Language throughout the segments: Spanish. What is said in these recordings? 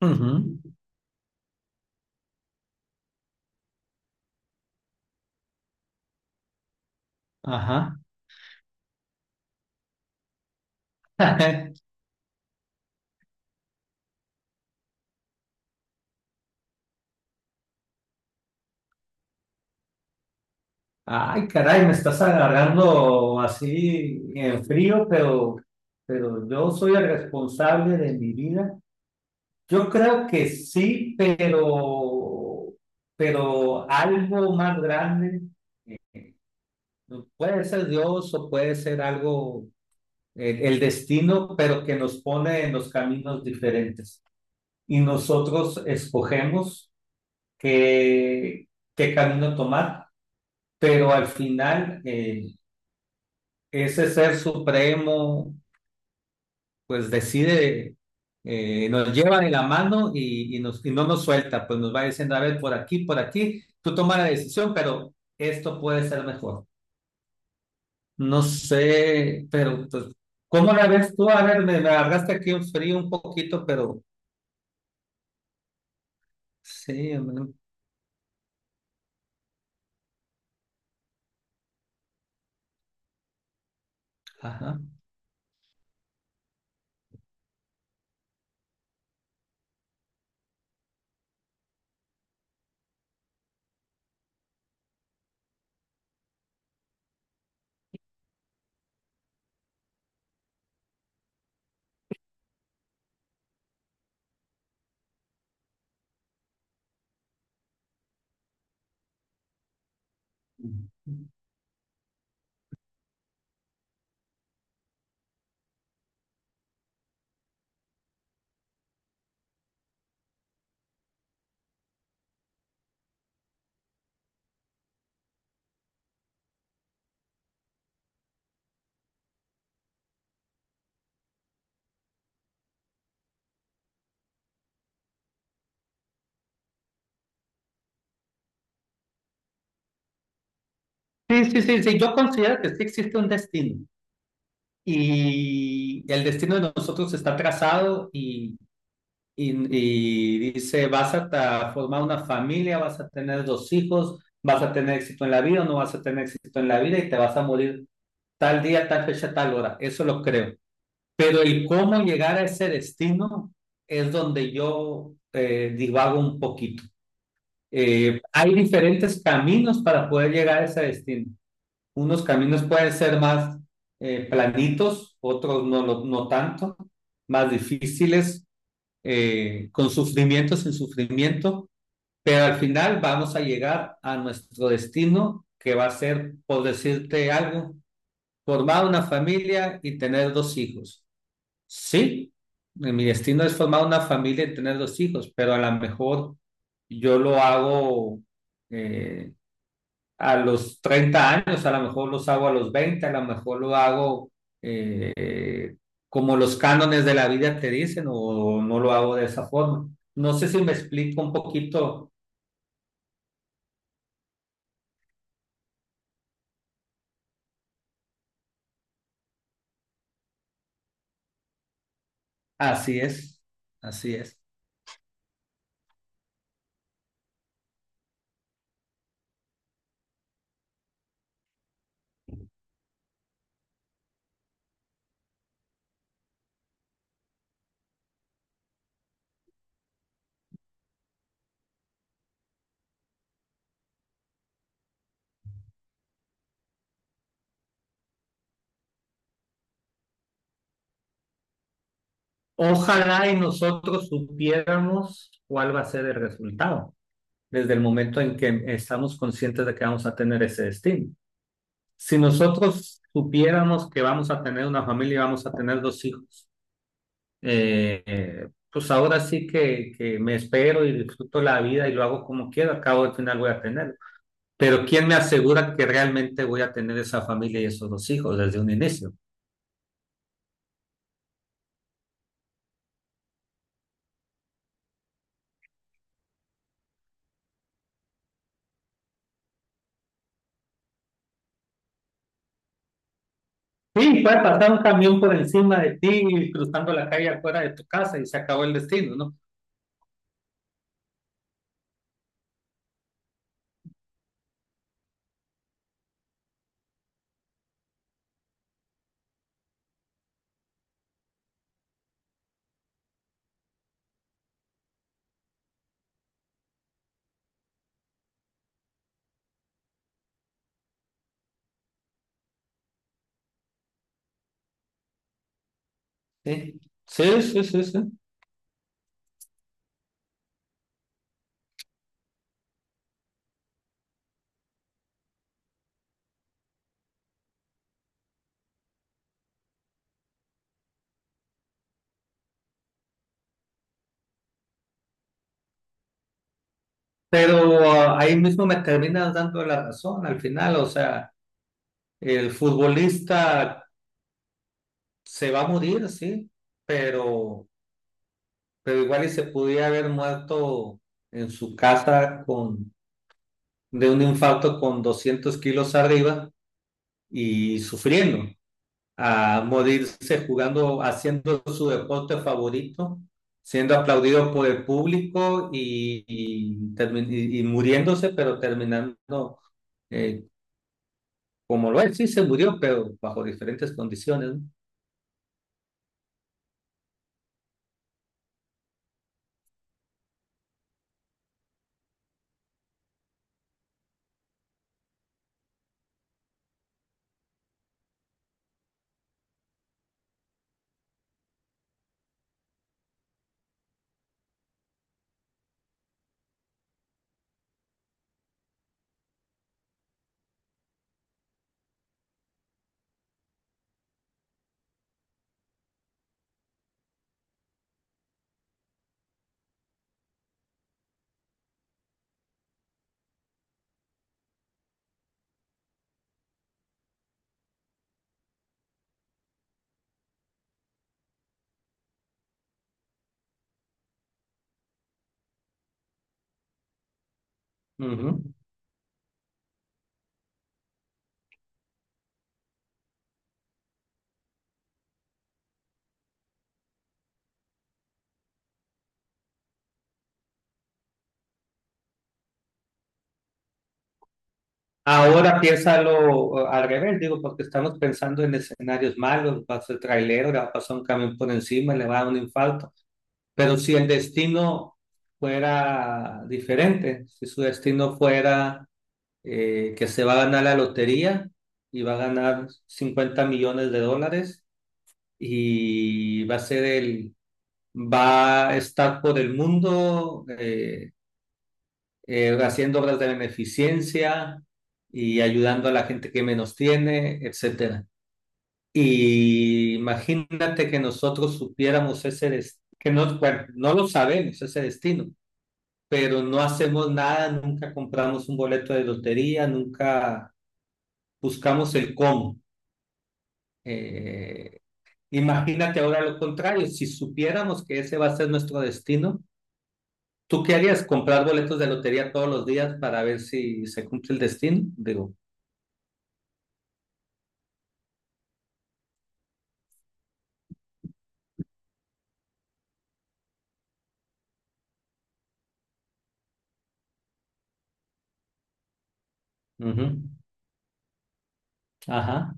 Ujú. Ajá. Ay, caray, me estás agarrando así en frío, pero, yo soy el responsable de mi vida. Yo creo que sí, pero algo más grande. Puede ser Dios o puede ser algo, el destino, pero que nos pone en los caminos diferentes. Y nosotros escogemos qué, qué camino tomar. Pero al final ese ser supremo pues decide, nos lleva de la mano y y no nos suelta, pues nos va diciendo, a ver, por aquí, tú toma la decisión, pero esto puede ser mejor. No sé, pero pues, ¿cómo la ves tú? A ver, me agarraste aquí un frío un poquito, pero sí, mm, ajá. Sí, sí, sí, sí, yo considero que sí existe un destino y el destino de nosotros está trazado y, y dice, vas a formar una familia, vas a tener dos hijos, vas a tener éxito en la vida o no vas a tener éxito en la vida y te vas a morir tal día, tal fecha, tal hora. Eso lo creo. Pero el cómo llegar a ese destino es donde yo divago un poquito. Hay diferentes caminos para poder llegar a ese destino. Unos caminos pueden ser más planitos, otros no, no tanto, más difíciles con sufrimiento, sin sufrimiento, pero al final vamos a llegar a nuestro destino, que va a ser, por decirte algo, formar una familia y tener dos hijos. Sí, mi destino es formar una familia y tener dos hijos, pero a lo mejor yo lo hago eh, a los 30 años, a lo mejor los hago a los 20, a lo mejor lo hago eh, como los cánones de la vida te dicen o no lo hago de esa forma. No sé si me explico un poquito. Así es, así es. Ojalá y nosotros supiéramos cuál va a ser el resultado desde el momento en que estamos conscientes de que vamos a tener ese destino. Si nosotros supiéramos que vamos a tener una familia y vamos a tener dos hijos, eh, pues ahora sí que me espero y disfruto la vida y lo hago como quiero, al cabo del final voy a tener. Pero ¿quién me asegura que realmente voy a tener esa familia y esos dos hijos desde un inicio? Sí, puede pasar un camión por encima de ti y cruzando la calle afuera de tu casa y se acabó el destino, ¿no? Sí, sí, sí, sí, sí. Pero ahí mismo me terminas dando la razón al final, o sea, el futbolista se va a morir, sí, pero igual y se pudiera haber muerto en su casa de un infarto con 200 kilos arriba y sufriendo, a morirse jugando, haciendo su deporte favorito, siendo aplaudido por el público y muriéndose, pero terminando eh, como lo es, sí se murió, pero bajo diferentes condiciones. ¿No? Ujú. Ahora piénsalo, al revés, digo, porque estamos pensando en escenarios malos, va a ser trailero, le va a pasar un camión por encima, le va a dar un infarto. Pero si el destino fuera diferente, si su destino fuera que se va a ganar la lotería y va a ganar 50 millones de dólares y va a ser el, va a estar por el mundo haciendo obras de beneficencia y ayudando a la gente que menos tiene, etcétera. Y imagínate que nosotros supiéramos ese destino, que no, bueno, no lo sabemos, ese destino, pero no hacemos nada, nunca compramos un boleto de lotería, nunca buscamos el cómo. Eh, Imagínate ahora lo contrario, si supiéramos que ese va a ser nuestro destino, ¿tú qué harías? ¿Comprar boletos de lotería todos los días para ver si se cumple el destino? Digo, ujú, ajá.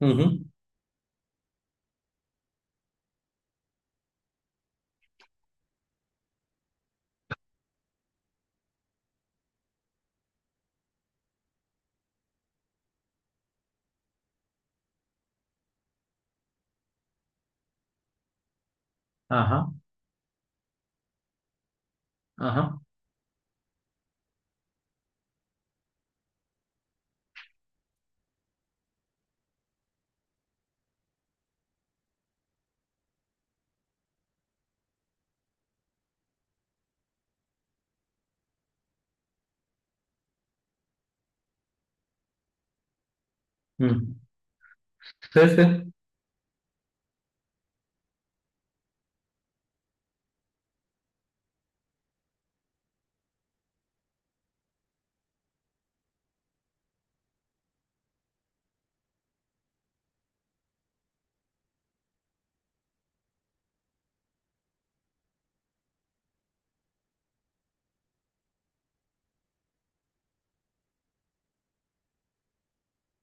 Ujú. Ajá. Ajá. Mm. Sí, sí.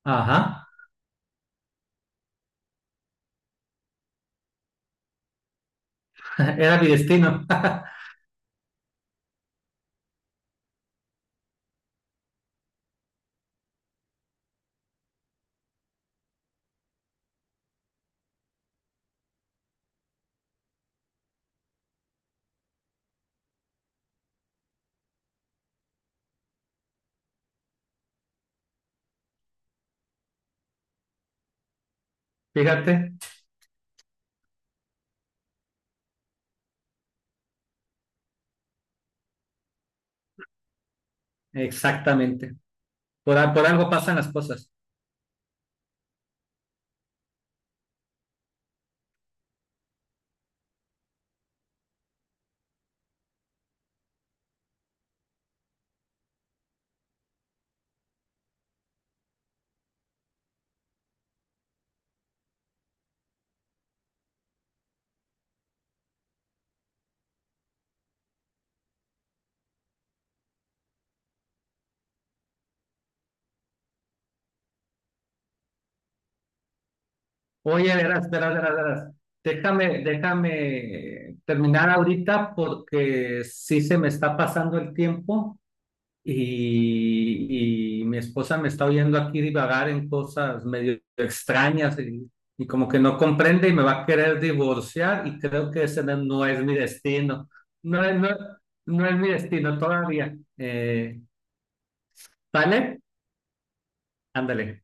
Ajá. Era mi destino. Fíjate. Exactamente. Por, a- por algo pasan las cosas. Oye, verás, verás, verás, verás. Déjame terminar ahorita porque sí se me está pasando el tiempo, y mi esposa me está oyendo aquí divagar en cosas medio extrañas y como que no comprende y me va a querer divorciar y creo que ese no es mi destino. No, no, no es mi destino todavía. ¿Eh, vale? Ándale.